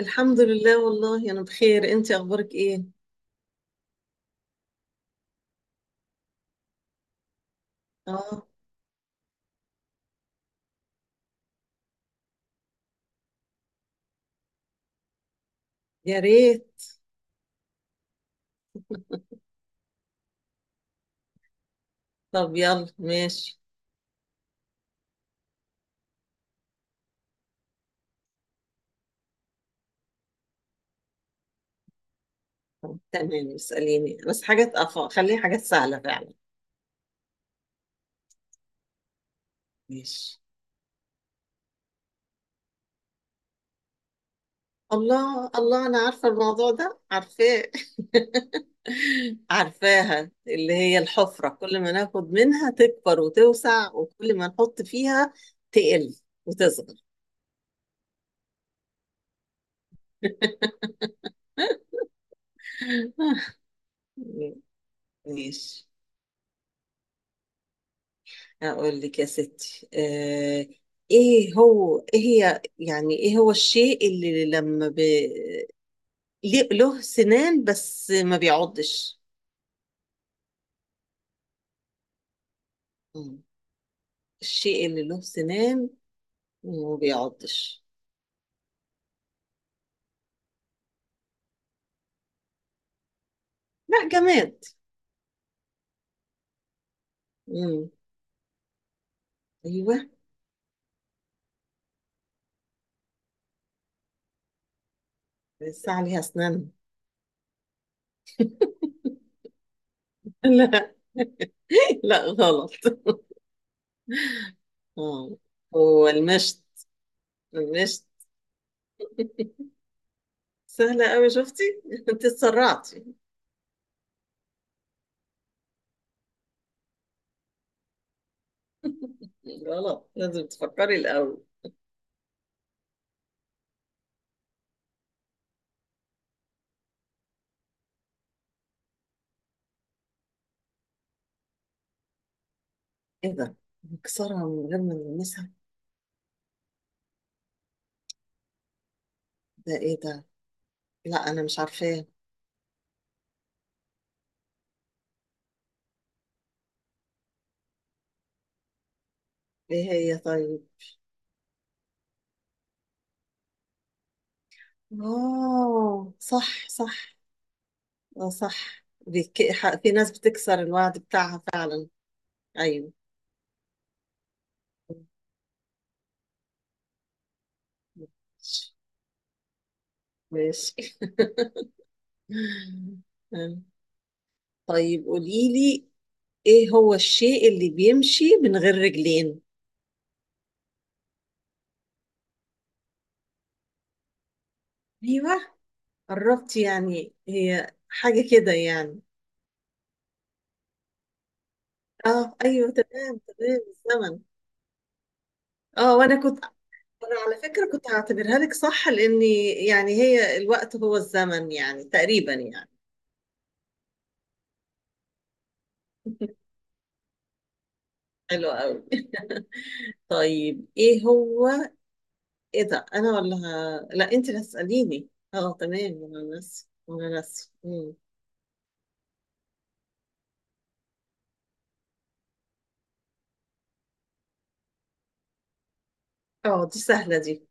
الحمد لله، والله أنا بخير. أنت أخبارك إيه؟ آه. يا ريت. طب يلا ماشي. تمام، اسأليني، بس حاجات خليه حاجات سهلة فعلا. ماشي. الله الله، أنا عارفة الموضوع ده، عارفاه. عارفاها، اللي هي الحفرة كل ما ناخد منها تكبر وتوسع، وكل ما نحط فيها تقل وتصغر. ماشي. أقول لك يا ستي، إيه هو إيه هي يعني إيه هو الشيء اللي له سنان بس ما بيعضش. مم. الشيء اللي له سنان وما بيعضش. لا، جماد. مم. أيوه. الساعة ليها أسنان؟ لا، لا غلط. آه، هو المشط. المشط. سهلة أوي، شفتي؟ أنت اتسرعتي. غلط، لازم تفكري الأول. ايه ده؟ مكسرها من غير ما نلمسها؟ ده ايه ده؟ لا، انا مش عارفاه. ايه هي طيب؟ اوه، صح صح. اه صح، في ناس بتكسر الوعد بتاعها فعلا. ايوه. ماشي طيب قولي لي، ايه هو الشيء اللي بيمشي من غير رجلين؟ ايوه، قربت يعني، هي حاجة كده يعني. اه ايوه، تمام تمام، الزمن. اه وانا كنت، انا على فكرة كنت هعتبرها لك صح، لاني يعني هي الوقت هو الزمن يعني تقريبا يعني. حلو قوي. طيب ايه هو؟ ايه ده؟ انا ولا لا، انت اللي هتسأليني. اه تمام، انا ناسي انا ناسي. مم. اه دي سهلة دي،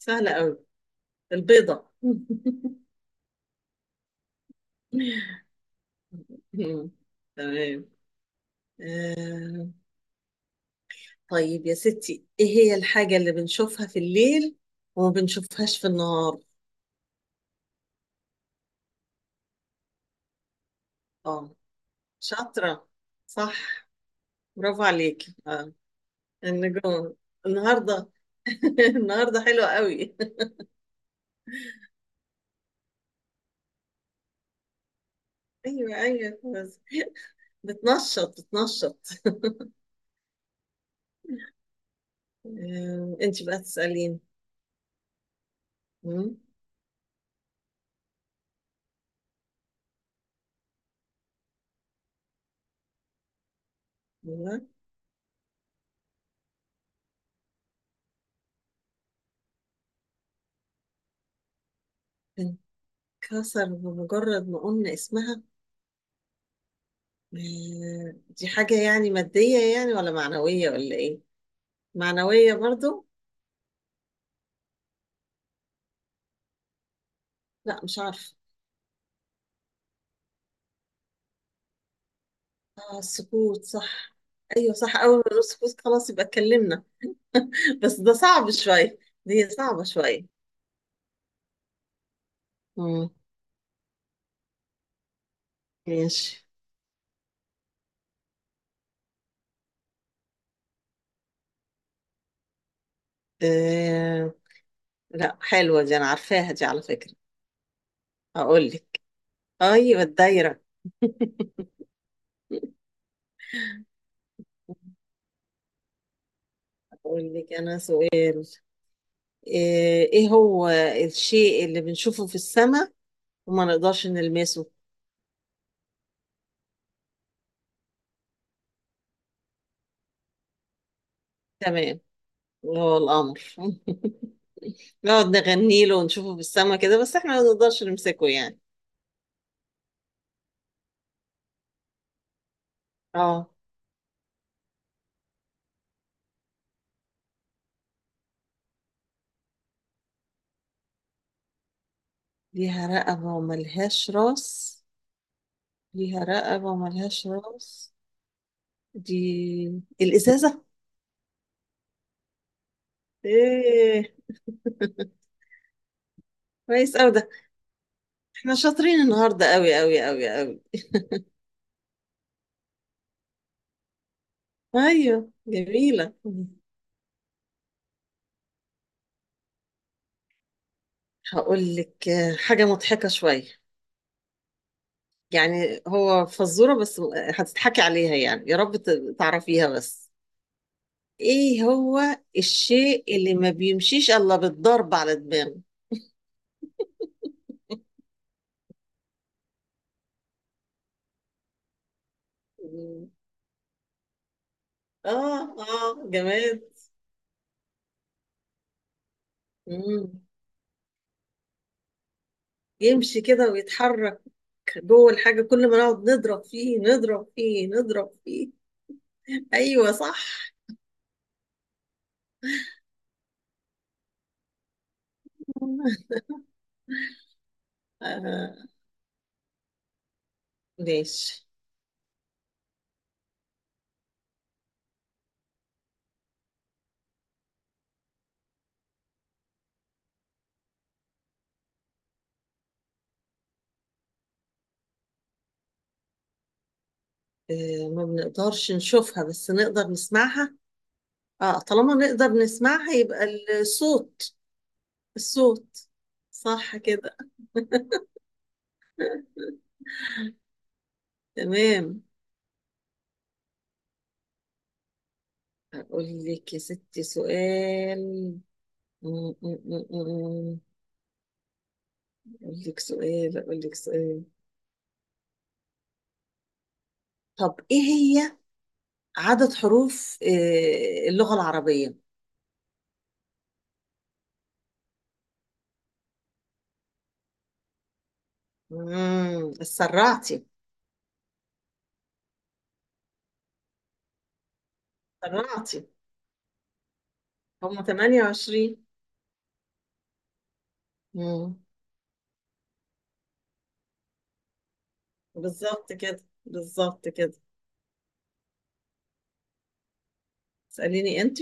سهلة قوي. البيضة. مم. تمام. آه. طيب يا ستي، ايه هي الحاجة اللي بنشوفها في الليل وما بنشوفهاش في النهار؟ اه، شاطرة. صح. برافو عليكي، اه. النجوم. النهارده النهارده حلوه قوي. ايوه ايوه، بس بتنشط بتنشط. انت بقى تسألين. مم. ايوه. انكسر بمجرد ما قلنا اسمها؟ دي حاجة يعني مادية يعني ولا معنوية ولا ايه؟ معنوية برضو. لا، مش عارفة. اه، السكوت، صح. ايوه صح، اول ما نقول سكوت خلاص يبقى اتكلمنا. بس ده صعب شوية، دي صعبة شوية. مم، ماشي. آه لا، حلوة دي، أنا عارفاها دي على فكرة. أقول لك. أيوة، الدايرة. أقول لك أنا سؤال. آه إيه هو الشيء اللي بنشوفه في السماء وما نقدرش نلمسه؟ تمام، وهو القمر نقعد نغني له ونشوفه في السماء كده، بس إحنا ما نقدرش نمسكه يعني. آه ليها رقبة وملهاش راس. ليها رقبة وملهاش راس، دي الإزازة. إيه. كويس أوي ده، احنا شاطرين النهارده قوي قوي قوي قوي. ايوه، جميله. هقول لك، حاجه مضحكه شويه. يعني هو فزوره، بس هتضحكي عليها يعني، يا رب تعرفيها بس. ايه هو الشيء اللي ما بيمشيش الا بالضرب على دماغه؟ مم. اه اه، جماد. مم. يمشي كده ويتحرك جوه الحاجه، كل ما نقعد نضرب فيه نضرب فيه نضرب فيه. ايوه صح. آه. ماشي. ما بنقدرش نشوفها بس نقدر نسمعها. اه، طالما نقدر نسمعها يبقى الصوت. الصوت. صح كده. تمام. اقول لك يا ستي سؤال. م- م- م- م- اقول لك سؤال. طب ايه هي عدد حروف اللغة العربية؟ سرعتي سرعتي. هم 28. امم بالظبط كده بالظبط كده. اسأليني انت.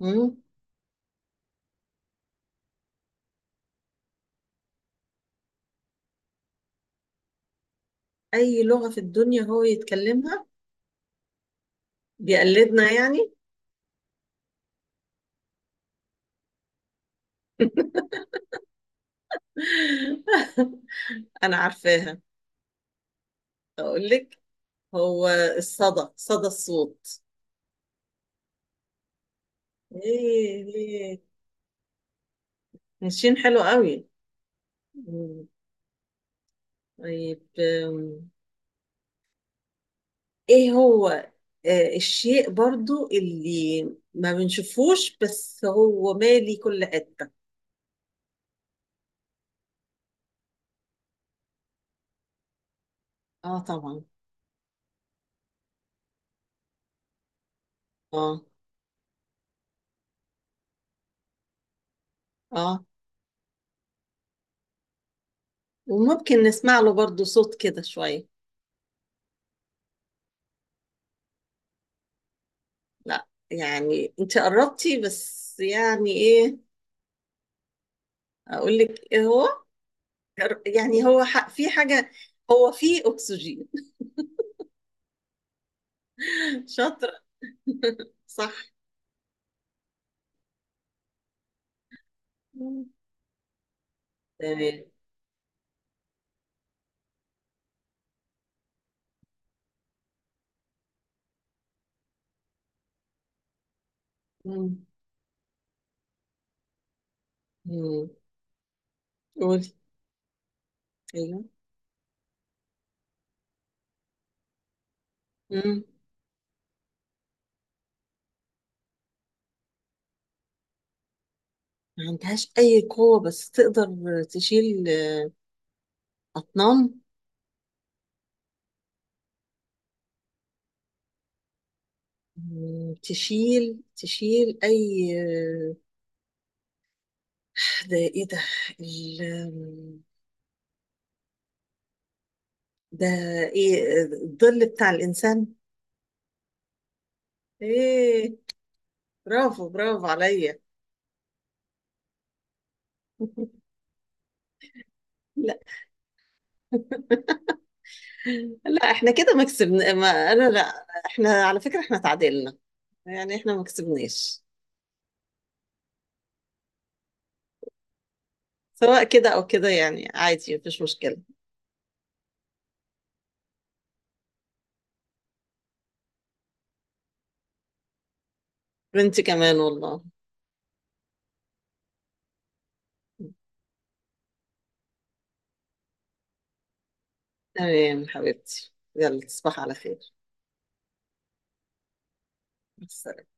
مم. اي لغة في الدنيا هو يتكلمها؟ بيقلدنا يعني. انا عارفاها. اقول لك، هو الصدى، صدى الصوت. ايه ايه. ماشيين، حلو قوي. مم. طيب ايه هو الشيء برضو اللي ما بنشوفوش بس هو مالي كل حتة. اه طبعا. اه اه، وممكن نسمع له برضو صوت كده شوية. لا، يعني انت قربتي بس، يعني ايه؟ اقول لك ايه هو. يعني هو في حاجه. هو في اكسجين. شاطره. صح. مم. تمام. مم. مم. قولي. ايوه. مم. ما عندهاش اي قوه بس تقدر تشيل اطنان. مم. تشيل تشيل اي؟ ده ايه ده؟ ال... ده ايه، الظل بتاع الانسان. ايه. برافو برافو عليا. لا لا، احنا كده ما كسبنا ما، انا لا، احنا على فكرة احنا تعادلنا، يعني احنا ما كسبناش. سواء كده او كده يعني عادي، مفيش مشكلة. وانت كمان، والله. تمام حبيبتي، يلا تصبح على خير. مع السلامة.